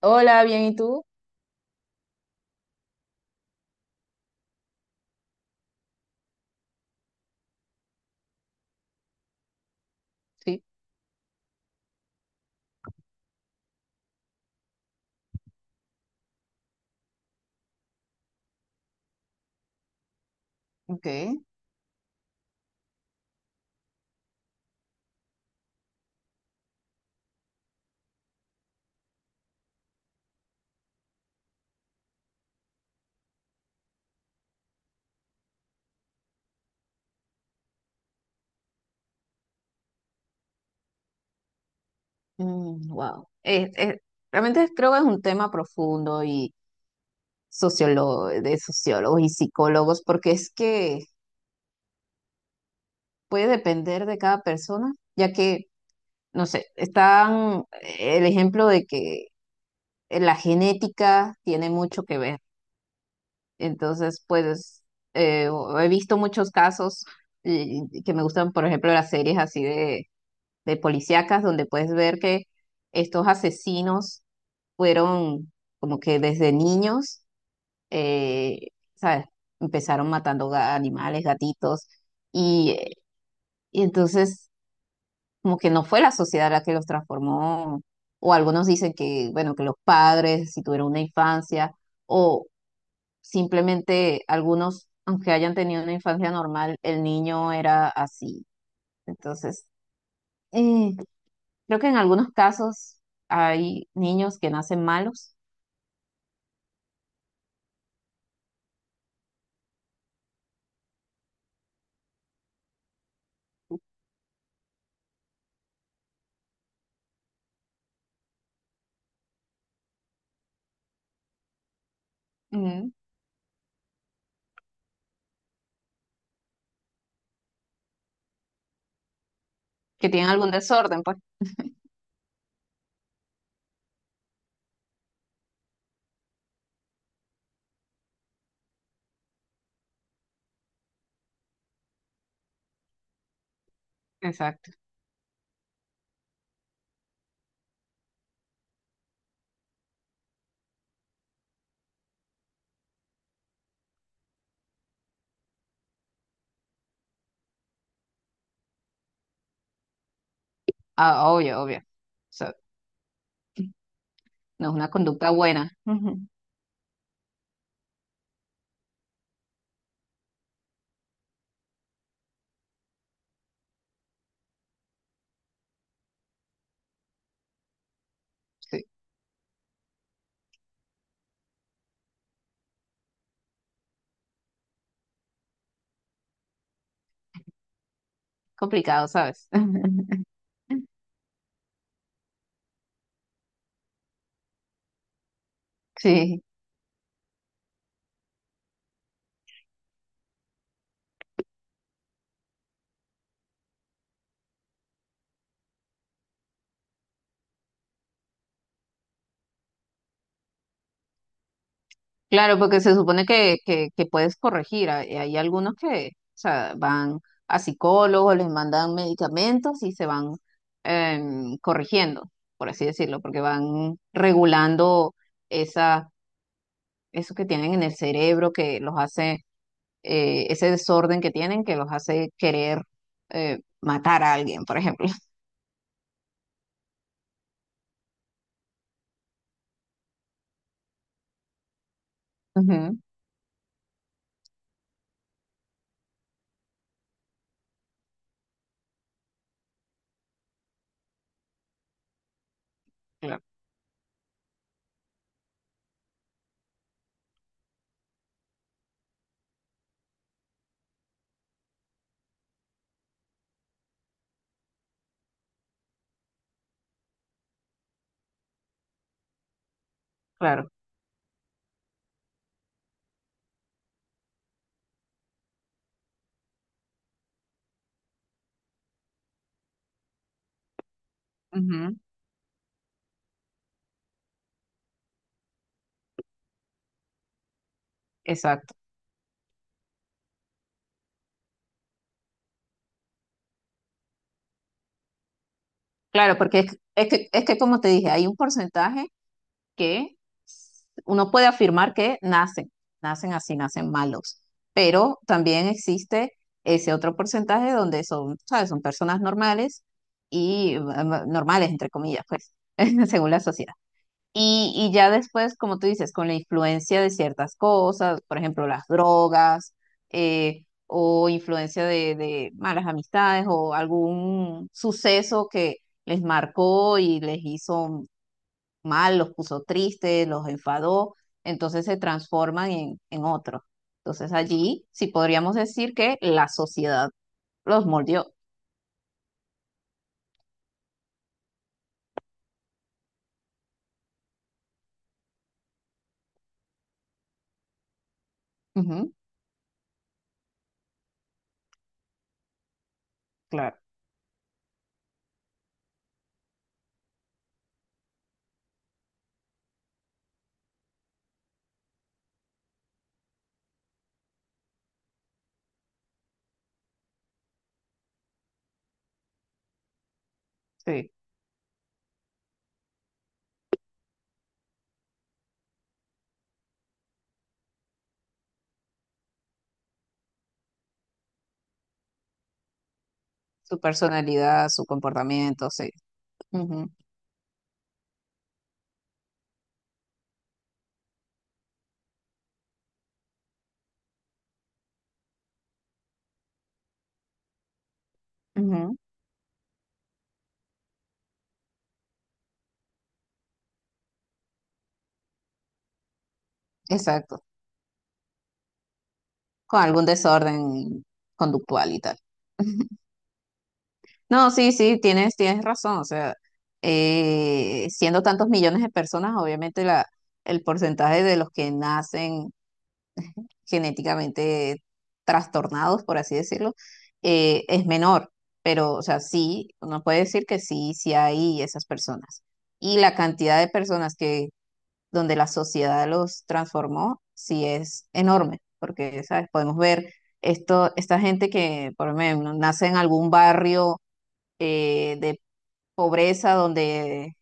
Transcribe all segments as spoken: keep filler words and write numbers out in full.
Hola, bien, ¿y tú? Sí. Ok. Mm, wow. Es- es- realmente creo que es un tema profundo y sociólogo, de sociólogos y psicólogos, porque es que puede depender de cada persona, ya que, no sé, están eh, el ejemplo de que la genética tiene mucho que ver. Entonces, pues, eh, he visto muchos casos, eh, que me gustan, por ejemplo, las series así de policíacas, donde puedes ver que estos asesinos fueron como que desde niños, eh, ¿sabes? Empezaron matando ga- animales, gatitos, y, eh, y entonces como que no fue la sociedad la que los transformó, o algunos dicen que, bueno, que los padres, si tuvieron una infancia, o simplemente algunos, aunque hayan tenido una infancia normal, el niño era así. Entonces, eh, creo que en algunos casos hay niños que nacen malos. Ujú, que tienen algún desorden, pues. Exacto. Ah, obvio, obvio. O sea, no es una conducta buena. Ujú. Sí, complicado, ¿sabes? Sí, claro, porque se supone que, que, que puedes corregir. Hay, hay algunos que, o sea, van a psicólogos, les mandan medicamentos y se van em, corrigiendo, por así decirlo, porque van regulando esas, eso que tienen en el cerebro que los hace, eh, ese desorden que tienen que los hace querer, eh, matar a alguien, por ejemplo. Ujú. Claro, claro. Ujú. Exacto. Claro, porque es, es que, es que como te dije, hay un porcentaje que uno puede afirmar que nacen, nacen así, nacen malos, pero también existe ese otro porcentaje donde son, ¿sabes? Son personas normales y eh, normales, entre comillas, pues, según la sociedad. Y, y ya después, como tú dices, con la influencia de ciertas cosas, por ejemplo, las drogas, eh, o influencia de, de malas amistades, o algún suceso que les marcó y les hizo mal, los puso tristes, los enfadó, entonces se transforman en, en otros. Entonces allí sí podríamos decir que la sociedad los moldeó. Ujú, claro, sí. Su personalidad, su comportamiento, sí. Ujú, ujú. Exacto. Con algún desorden conductual y tal. No, sí, sí, tienes, tienes razón. O sea, eh, siendo tantos millones de personas, obviamente la, el porcentaje de los que nacen genéticamente trastornados, por así decirlo, eh, es menor. Pero, o sea, sí, uno puede decir que sí, sí hay esas personas. Y la cantidad de personas que donde la sociedad los transformó, sí es enorme, porque, ¿sabes? Podemos ver esto, esta gente que, por lo menos, nace en algún barrio, eh, de pobreza donde,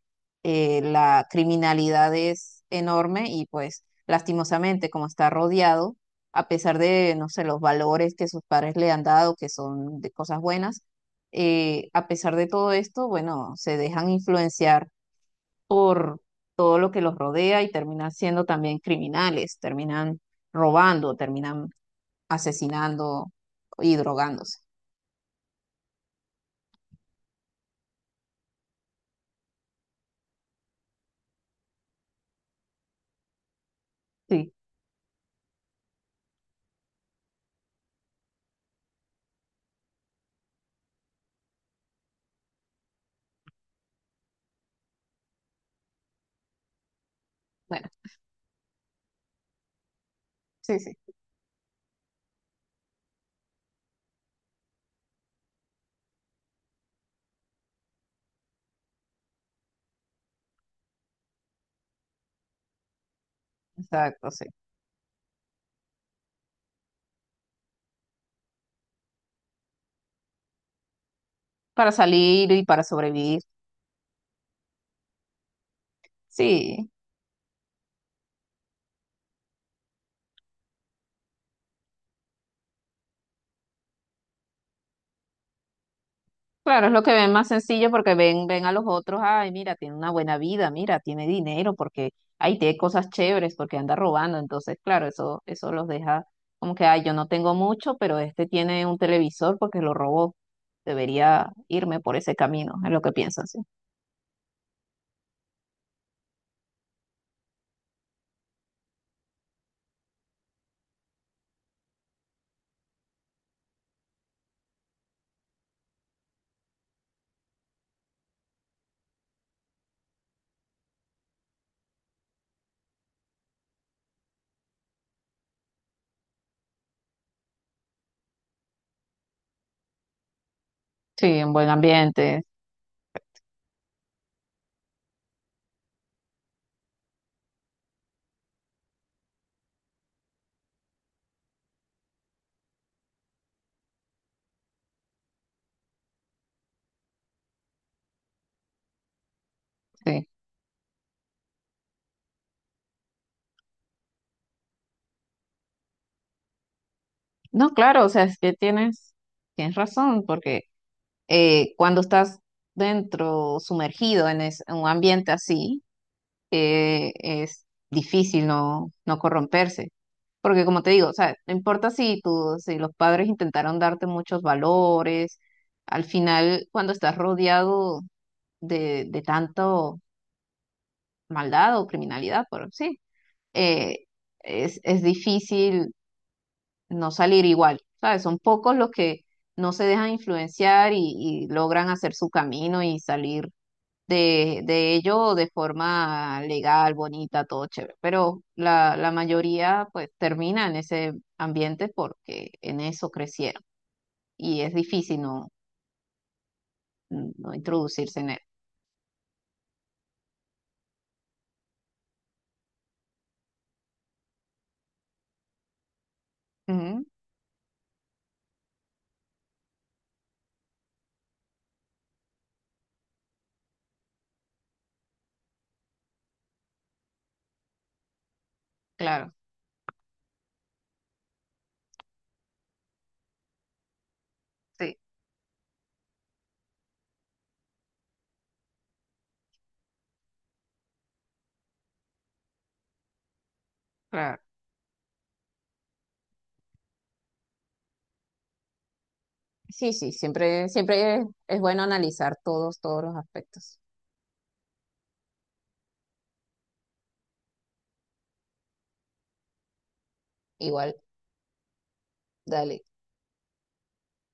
eh, la criminalidad es enorme y pues lastimosamente como está rodeado, a pesar de, no sé, los valores que sus padres le han dado, que son de cosas buenas, eh, a pesar de todo esto, bueno, se dejan influenciar por todo lo que los rodea y terminan siendo también criminales, terminan robando, terminan asesinando y drogándose. Sí, bueno, sí, sí, exacto, sí. Para salir y para sobrevivir. Sí. Claro, es lo que ven más sencillo porque ven, ven a los otros, ay, mira, tiene una buena vida, mira, tiene dinero, porque, ay, tiene cosas chéveres, porque anda robando. Entonces, claro, eso, eso los deja como que, ay, yo no tengo mucho, pero este tiene un televisor porque lo robó. Debería irme por ese camino, es lo que piensan, sí. Sí, en buen ambiente, sí. No, claro, o sea, es que tienes, tienes razón, porque eh, cuando estás dentro, sumergido en, es- en un ambiente así, eh, es difícil no, no corromperse. Porque como te digo, o sea, no importa si tú, si los padres intentaron darte muchos valores, al final cuando estás rodeado de, de tanto maldad o criminalidad, por sí, eh, es, es difícil no salir igual. ¿Sabes? Son pocos los que no se dejan influenciar y, y logran hacer su camino y salir de, de ello de forma legal, bonita, todo chévere. Pero la, la mayoría pues termina en ese ambiente porque en eso crecieron y es difícil no, no introducirse en él. Ujú, claro, sí, claro. Sí, sí, siempre, siempre es, es bueno analizar todos, todos los aspectos. Igual, dale.